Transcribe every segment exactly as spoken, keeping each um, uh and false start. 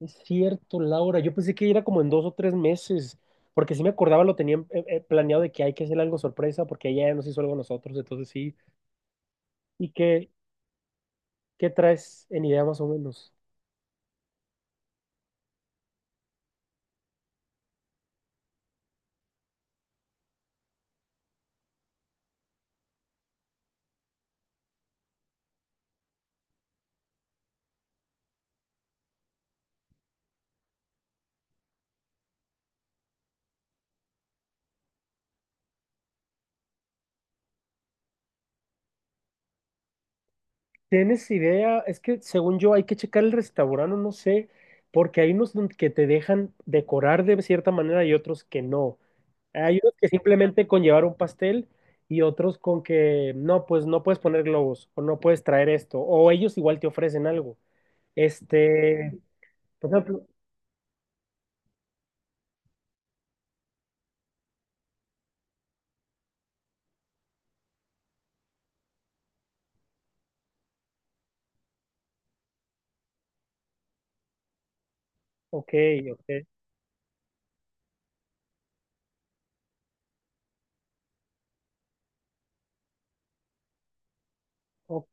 Es cierto, Laura. Yo pensé que era como en dos o tres meses, porque sí me acordaba, lo tenían eh, eh, planeado de que hay que hacer algo sorpresa, porque ella ya nos hizo algo a nosotros, entonces sí. ¿Y qué, qué traes en idea más o menos? ¿Tienes idea? Es que según yo hay que checar el restaurante, no sé, porque hay unos don- que te dejan decorar de cierta manera y otros que no. Hay unos que simplemente con llevar un pastel y otros con que no, pues no puedes poner globos o no puedes traer esto, o ellos igual te ofrecen algo. Este. Por ejemplo, ok, ok, ok,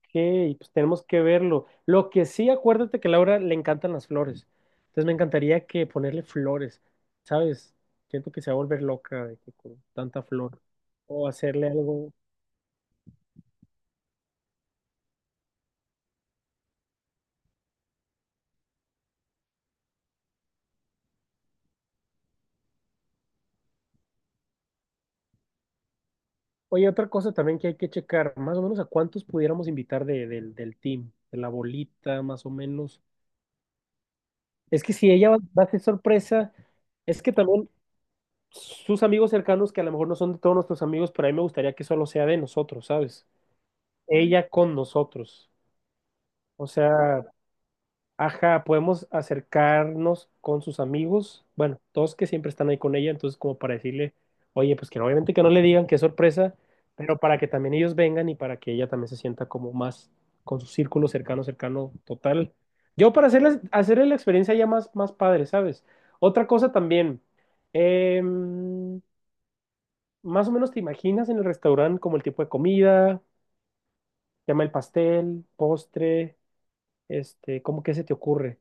pues tenemos que verlo. Lo que sí, acuérdate que a Laura le encantan las flores. Entonces me encantaría que ponerle flores, ¿sabes? Siento que se va a volver loca de que con tanta flor. O hacerle algo. Oye, otra cosa también que hay que checar, más o menos a cuántos pudiéramos invitar de- del del team, de la bolita, más o menos. Es que si ella va, va a hacer sorpresa, es que también sus amigos cercanos, que a lo mejor no son de todos nuestros amigos, pero a mí me gustaría que solo sea de nosotros, ¿sabes? Ella con nosotros. O sea, ajá, podemos acercarnos con sus amigos, bueno, todos que siempre están ahí con ella, entonces como para decirle, oye, pues que obviamente que no le digan qué sorpresa, pero para que también ellos vengan y para que ella también se sienta como más con su círculo cercano, cercano, total. Yo para hacerles, hacerle la experiencia ya más, más padre, ¿sabes? Otra cosa también, em, más o menos te imaginas en el restaurante como el tipo de comida, llama el pastel, postre. Este, ¿cómo que se te ocurre?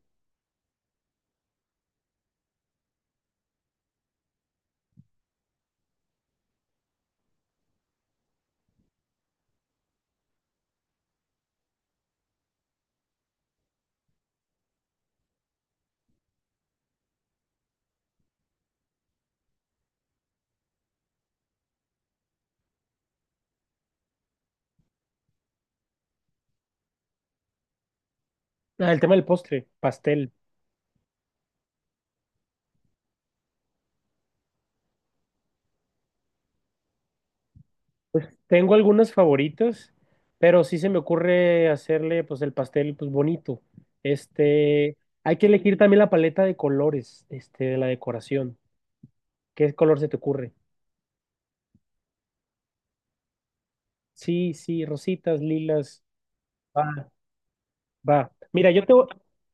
Ah, el tema del postre, pastel. Tengo algunos favoritos, pero sí se me ocurre hacerle pues el pastel pues bonito. Este, Hay que elegir también la paleta de colores, este, de la decoración. ¿Qué color se te ocurre? Sí, sí, rositas, lilas. Va. Va. Mira, yo tengo,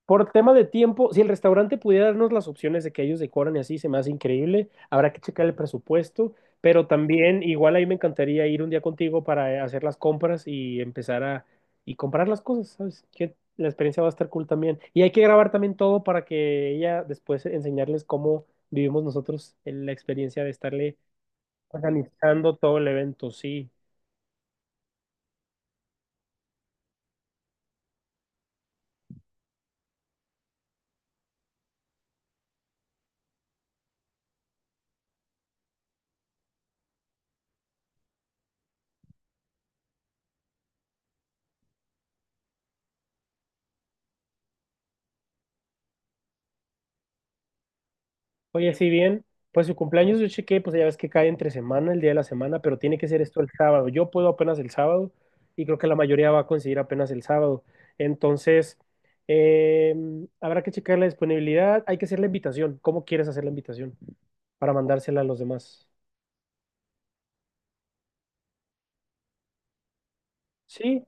por tema de tiempo, si el restaurante pudiera darnos las opciones de que ellos decoran y así, se me hace increíble. Habrá que checar el presupuesto, pero también igual ahí me encantaría ir un día contigo para eh, hacer las compras y empezar a y comprar las cosas, ¿sabes? Que la experiencia va a estar cool también. Y hay que grabar también todo para que ella después enseñarles cómo vivimos nosotros en la experiencia de estarle organizando todo el evento, sí. Oye, si bien, pues su cumpleaños yo chequé, pues ya ves que cae entre semana, el día de la semana, pero tiene que ser esto el sábado. Yo puedo apenas el sábado y creo que la mayoría va a conseguir apenas el sábado. Entonces, eh, habrá que checar la disponibilidad. Hay que hacer la invitación. ¿Cómo quieres hacer la invitación? Para mandársela a los demás. Sí,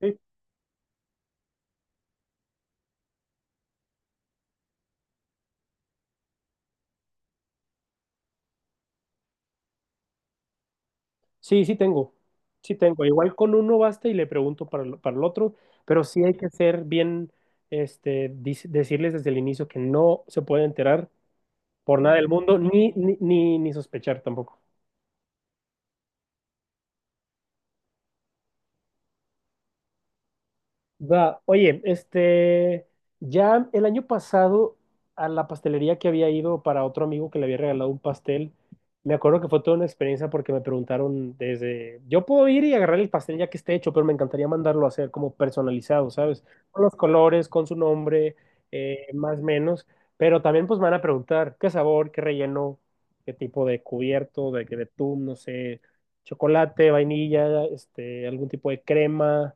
sí, sí, sí tengo. Sí tengo. Igual con uno basta y le pregunto para el, para el otro, pero sí hay que ser bien, este, dis- decirles desde el inicio que no se puede enterar por nada del mundo, ni, ni, ni, ni sospechar tampoco. Va, oye, este, ya el año pasado a la pastelería que había ido para otro amigo que le había regalado un pastel, me acuerdo que fue toda una experiencia porque me preguntaron desde, yo puedo ir y agarrar el pastel ya que esté hecho, pero me encantaría mandarlo a hacer como personalizado, ¿sabes? Con los colores, con su nombre, eh, más o menos, pero también pues me van a preguntar qué sabor, qué relleno, qué tipo de cubierto, de que betún, no sé, chocolate, vainilla, este, algún tipo de crema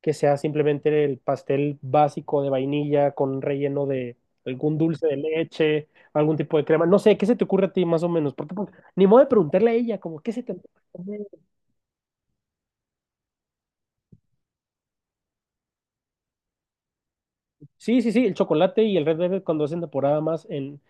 que sea simplemente el pastel básico de vainilla con relleno de algún dulce de leche, algún tipo de crema. No sé, ¿qué se te ocurre a ti más o menos? Porque pues, ni modo de preguntarle a ella, como, ¿qué se te antoja comer? Sí, sí, sí, el chocolate y el Red Velvet cuando hacen temporada más en...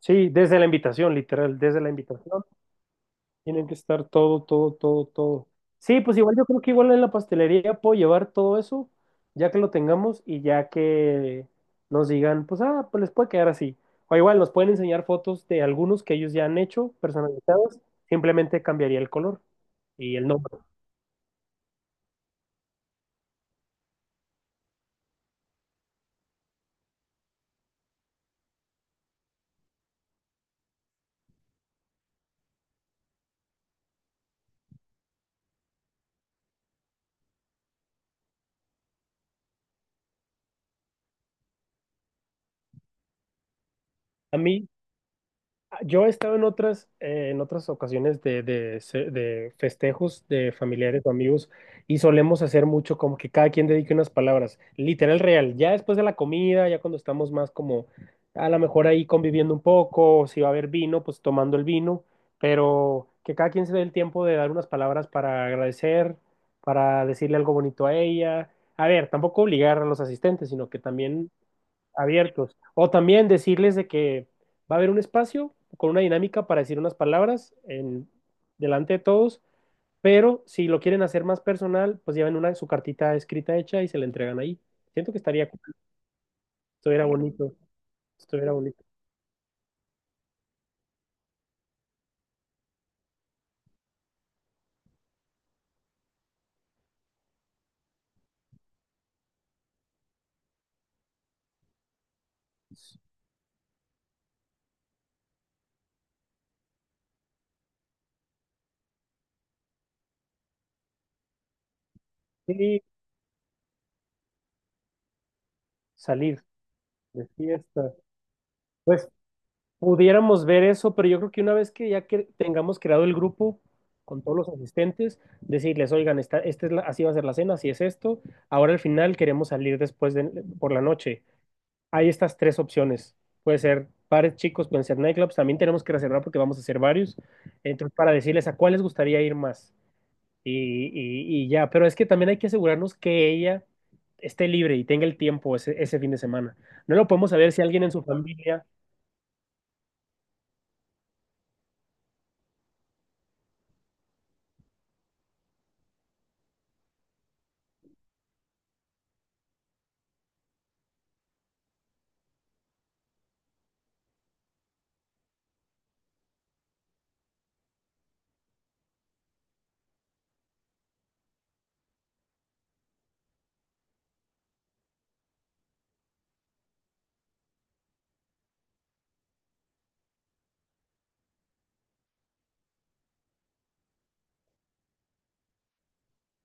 Sí, desde la invitación, literal, desde la invitación. Tienen que estar todo, todo, todo, todo. Sí, pues igual yo creo que igual en la pastelería puedo llevar todo eso, ya que lo tengamos y ya que nos digan, pues ah, pues les puede quedar así. O igual nos pueden enseñar fotos de algunos que ellos ya han hecho personalizados, simplemente cambiaría el color y el nombre. A mí, Yo he estado en otras, eh, en otras ocasiones de, de, ce- de festejos de familiares o amigos y solemos hacer mucho como que cada quien dedique unas palabras, literal real, ya después de la comida, ya cuando estamos más como a lo mejor ahí conviviendo un poco, o si va a haber vino, pues tomando el vino, pero que cada quien se dé el tiempo de dar unas palabras para agradecer, para decirle algo bonito a ella. A ver, tampoco obligar a los asistentes, sino que también abiertos. O también decirles de que va a haber un espacio con una dinámica para decir unas palabras en, delante de todos, pero si lo quieren hacer más personal, pues llevan una, su cartita escrita hecha y se la entregan ahí. Siento que estaría, estuviera bonito, estuviera bonito. Y salir de fiesta. Pues pudiéramos ver eso, pero yo creo que una vez que ya que tengamos creado el grupo con todos los asistentes, decirles, oigan, esta, esta es la- así va a ser la cena, así es esto, ahora al final queremos salir después de, por la noche, hay estas tres opciones. Puede ser bares chicos, pueden ser nightclubs. También tenemos que reservar porque vamos a hacer varios. Entonces, para decirles a cuál les gustaría ir más. Y, y- y ya, pero es que también hay que asegurarnos que ella esté libre y tenga el tiempo ese, ese fin de semana. No lo podemos saber si alguien en su familia.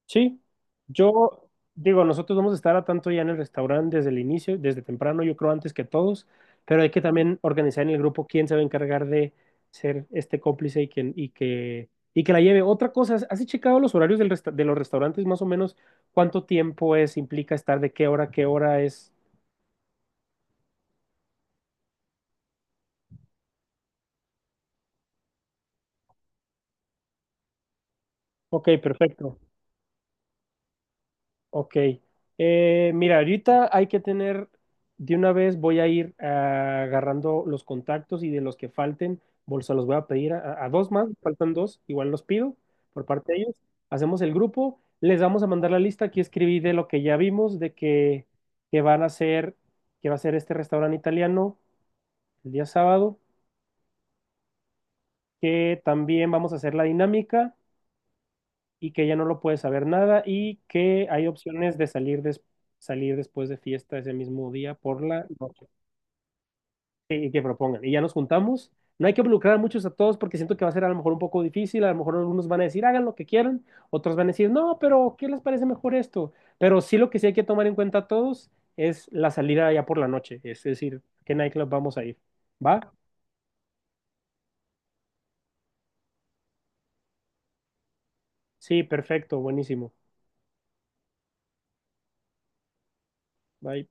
Sí, yo digo, nosotros vamos a estar a tanto ya en el restaurante desde el inicio, desde temprano, yo creo antes que todos, pero hay que también organizar en el grupo quién se va a encargar de ser este cómplice y quién- y que y que la lleve. Otra cosa, ¿has has checado los horarios del resta- de los restaurantes más o menos cuánto tiempo es, implica estar de qué hora a qué hora es? Ok, perfecto. Ok. Eh, mira, ahorita hay que tener, de una vez voy a ir ah, agarrando los contactos y de los que falten, bol- se los voy a pedir a, a dos más, faltan dos, igual los pido por parte de ellos. Hacemos el grupo, les vamos a mandar la lista, aquí escribí de lo que ya vimos, de que, que van a hacer, que va a ser este restaurante italiano el día sábado, que también vamos a hacer la dinámica. Y que ya no lo puede saber nada y que hay opciones de salir, des- salir después de fiesta ese mismo día por la noche y que propongan. Y ya nos juntamos. No hay que involucrar a muchos a todos porque siento que va a ser a lo mejor un poco difícil. A lo mejor algunos van a decir hagan lo que quieran, otros van a decir no, pero ¿qué les parece mejor esto? Pero sí lo que sí hay que tomar en cuenta a todos es la salida ya por la noche, es decir, ¿qué nightclub vamos a ir? ¿Va? Sí, perfecto, buenísimo. Bye.